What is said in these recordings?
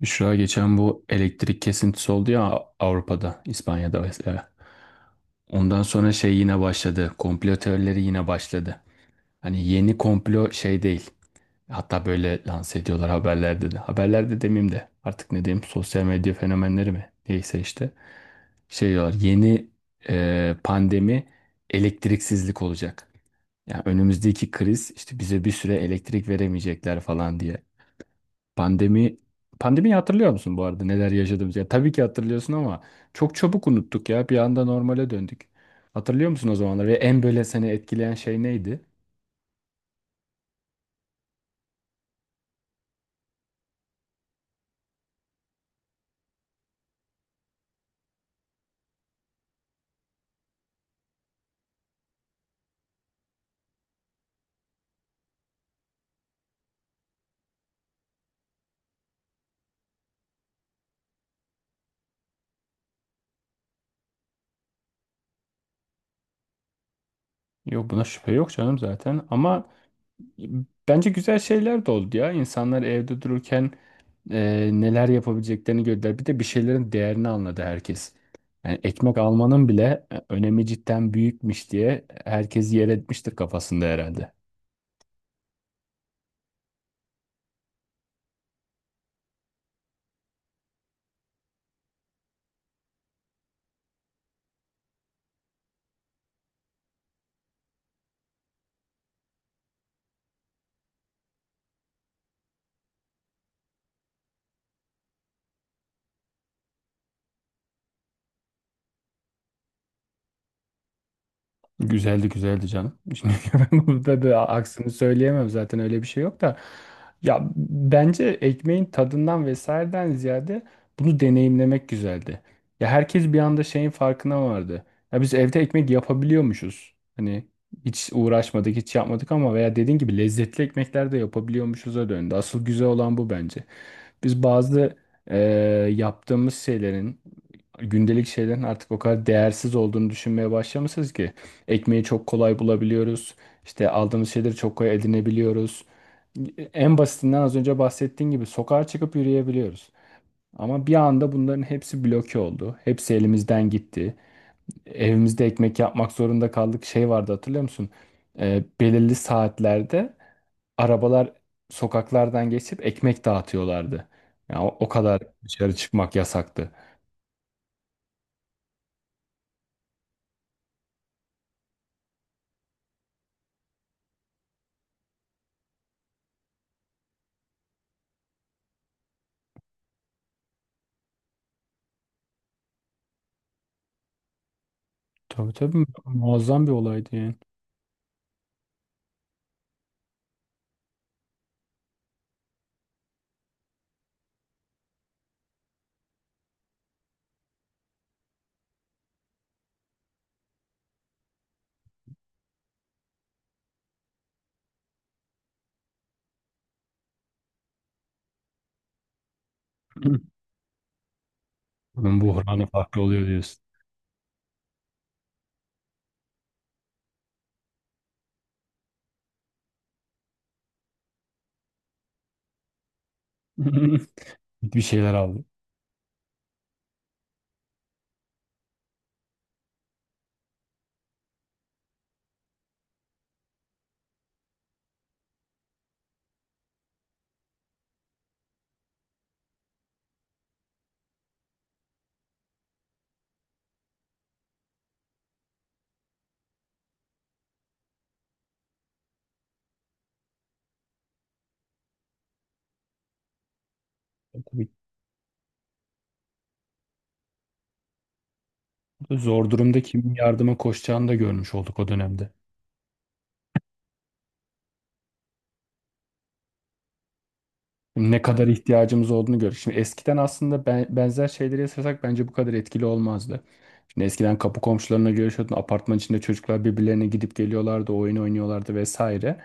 Büşra geçen bu elektrik kesintisi oldu ya, Avrupa'da, İspanya'da vesaire. Ondan sonra şey yine başladı. Komplo teorileri yine başladı. Hani yeni komplo şey değil. Hatta böyle lanse ediyorlar haberlerde de. Haberlerde demeyeyim de artık ne diyeyim, sosyal medya fenomenleri mi? Neyse işte. Şey diyorlar, yeni pandemi elektriksizlik olacak. Yani önümüzdeki kriz, işte bize bir süre elektrik veremeyecekler falan diye. Pandemi Pandemiyi hatırlıyor musun bu arada, neler yaşadığımızı? Ya tabii ki hatırlıyorsun ama çok çabuk unuttuk ya. Bir anda normale döndük. Hatırlıyor musun o zamanlar ve en böyle seni etkileyen şey neydi? Yok, buna şüphe yok canım zaten ama bence güzel şeyler de oldu ya. İnsanlar evde dururken neler yapabileceklerini gördüler. Bir de bir şeylerin değerini anladı herkes. Yani ekmek almanın bile önemi cidden büyükmüş diye herkes yer etmiştir kafasında herhalde. Güzeldi, güzeldi canım. Şimdi ben burada bir aksini söyleyemem zaten, öyle bir şey yok da. Ya bence ekmeğin tadından vesaireden ziyade bunu deneyimlemek güzeldi. Ya herkes bir anda şeyin farkına vardı. Ya biz evde ekmek yapabiliyormuşuz. Hani hiç uğraşmadık, hiç yapmadık ama veya dediğin gibi lezzetli ekmekler de yapabiliyormuşuz'a döndü. Asıl güzel olan bu bence. Biz bazı eee, yaptığımız şeylerin, gündelik şeylerin artık o kadar değersiz olduğunu düşünmeye başlamışız ki. Ekmeği çok kolay bulabiliyoruz. İşte aldığımız şeyleri çok kolay edinebiliyoruz. En basitinden, az önce bahsettiğin gibi, sokağa çıkıp yürüyebiliyoruz. Ama bir anda bunların hepsi bloke oldu. Hepsi elimizden gitti. Evimizde ekmek yapmak zorunda kaldık. Şey vardı, hatırlıyor musun? Belirli saatlerde arabalar sokaklardan geçip ekmek dağıtıyorlardı. Ya o kadar dışarı çıkmak yasaktı. Tabii tabii, muazzam bir olaydı yani. Bunun buhranı farklı oluyor diyorsun. Bir şeyler aldı. Tabii, zor durumda kimin yardıma koşacağını da görmüş olduk o dönemde. Ne kadar ihtiyacımız olduğunu gördük. Şimdi eskiden aslında benzer şeyleri yaşasak bence bu kadar etkili olmazdı. Şimdi eskiden kapı komşularına görüşüyordun. Apartman içinde çocuklar birbirlerine gidip geliyorlardı, oyun oynuyorlardı vesaire.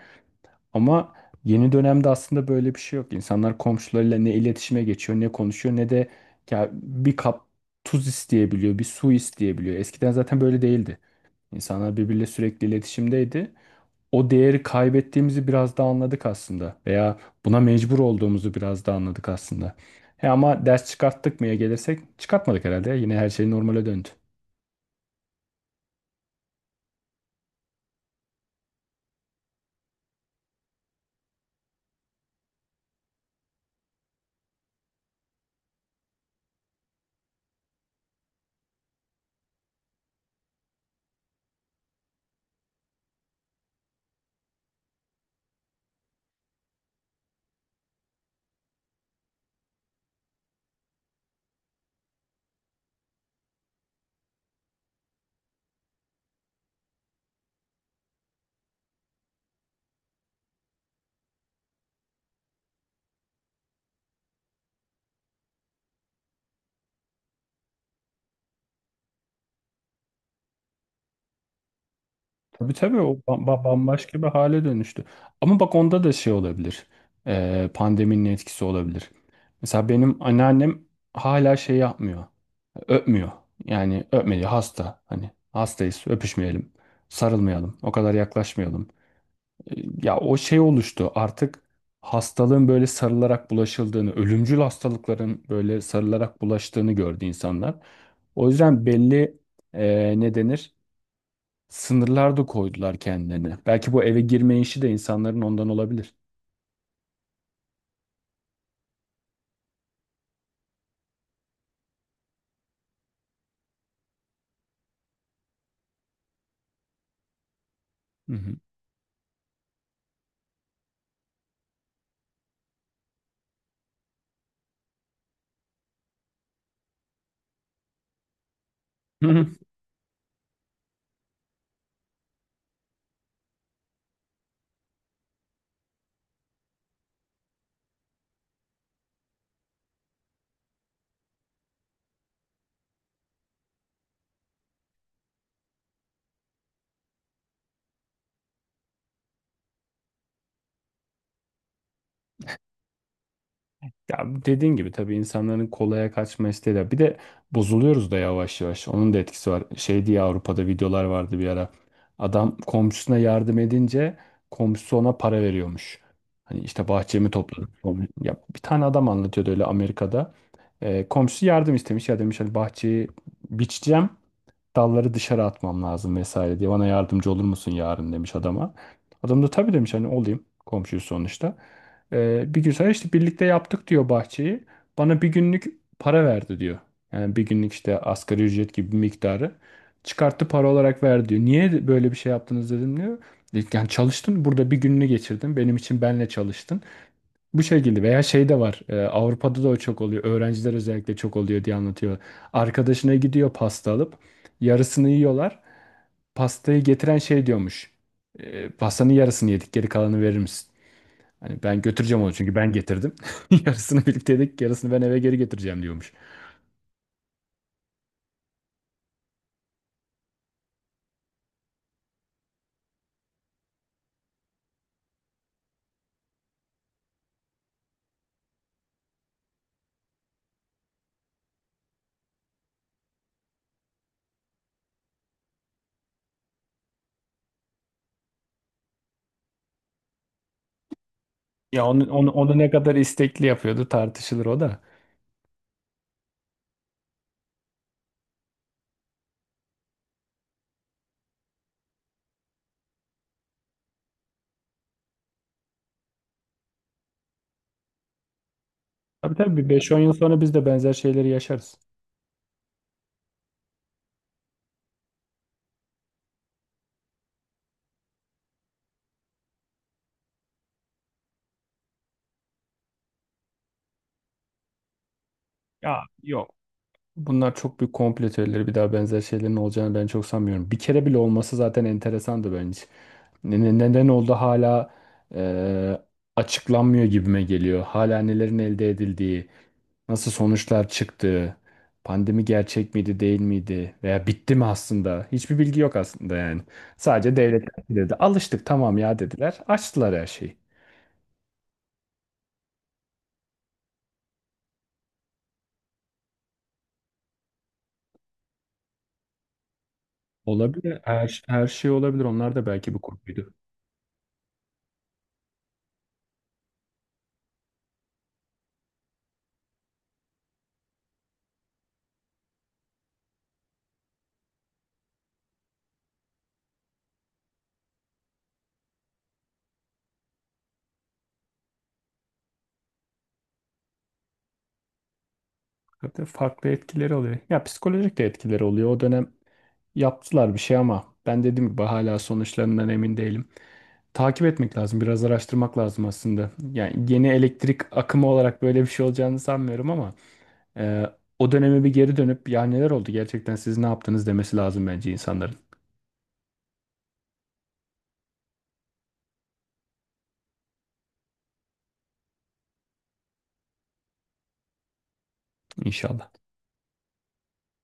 Ama yeni dönemde aslında böyle bir şey yok. İnsanlar komşularıyla ne iletişime geçiyor, ne konuşuyor, ne de ya bir kap tuz isteyebiliyor, bir su isteyebiliyor. Eskiden zaten böyle değildi. İnsanlar birbiriyle sürekli iletişimdeydi. O değeri kaybettiğimizi biraz da anladık aslında. Veya buna mecbur olduğumuzu biraz da anladık aslında. He ama ders çıkarttık mıya gelirsek, çıkartmadık herhalde. Yine her şey normale döndü. Tabii tabii, o bambaşka bir hale dönüştü. Ama bak, onda da şey olabilir. Pandeminin etkisi olabilir. Mesela benim anneannem hala şey yapmıyor. Öpmüyor. Yani öpmedi hasta. Hani hastayız, öpüşmeyelim. Sarılmayalım. O kadar yaklaşmayalım. Ya o şey oluştu artık, hastalığın böyle sarılarak bulaşıldığını, ölümcül hastalıkların böyle sarılarak bulaştığını gördü insanlar. O yüzden belli ne denir, sınırlar da koydular kendilerine. Belki bu eve girme işi de insanların ondan olabilir. Hı hı. Ya dediğin gibi tabii, insanların kolaya kaçma isteği de. Bir de bozuluyoruz da yavaş yavaş. Onun da etkisi var. Şey diye Avrupa'da videolar vardı bir ara. Adam komşusuna yardım edince komşusu ona para veriyormuş. Hani işte bahçemi topladım. Ya bir tane adam anlatıyordu öyle, Amerika'da. Komşusu yardım istemiş. Ya demiş, hani bahçeyi biçeceğim, dalları dışarı atmam lazım vesaire diye, bana yardımcı olur musun yarın, demiş adama. Adam da tabii demiş, hani olayım komşuyu sonuçta. Bir gün sonra işte birlikte yaptık diyor bahçeyi. Bana bir günlük para verdi diyor. Yani bir günlük işte asgari ücret gibi bir miktarı çıkarttı, para olarak verdi diyor. Niye böyle bir şey yaptınız dedim diyor. Yani çalıştın burada, bir gününü geçirdin benim için, benle çalıştın. Bu şekilde veya şey de var. Avrupa'da da o çok oluyor. Öğrenciler özellikle çok oluyor diye anlatıyor. Arkadaşına gidiyor pasta alıp yarısını yiyorlar. Pastayı getiren şey diyormuş. Pastanın yarısını yedik, geri kalanı verir misin? Hani ben götüreceğim onu çünkü ben getirdim." Yarısını birlikte yedik, yarısını ben eve geri getireceğim diyormuş. Ya onu ne kadar istekli yapıyordu tartışılır o da. Tabii tabii, bir 5-10 yıl sonra biz de benzer şeyleri yaşarız. Ya yok. Bunlar çok büyük komplo teorileri. Bir daha benzer şeylerin olacağını ben çok sanmıyorum. Bir kere bile olması zaten enteresandı bence. Neden oldu hala e, açıklanmıyor gibime geliyor. Hala nelerin elde edildiği, nasıl sonuçlar çıktığı, pandemi gerçek miydi değil miydi veya bitti mi aslında? Hiçbir bilgi yok aslında yani. Sadece devletler dedi. Alıştık tamam ya dediler. Açtılar her şeyi. Olabilir. Her şey olabilir. Onlar da belki bu konuydu. Tabii farklı etkileri oluyor. Ya psikolojik de etkileri oluyor. O dönem yaptılar bir şey ama ben, dediğim gibi, hala sonuçlarından emin değilim. Takip etmek lazım, biraz araştırmak lazım aslında. Yani yeni elektrik akımı olarak böyle bir şey olacağını sanmıyorum ama e, o döneme bir geri dönüp ya neler oldu gerçekten, siz ne yaptınız demesi lazım bence insanların. İnşallah.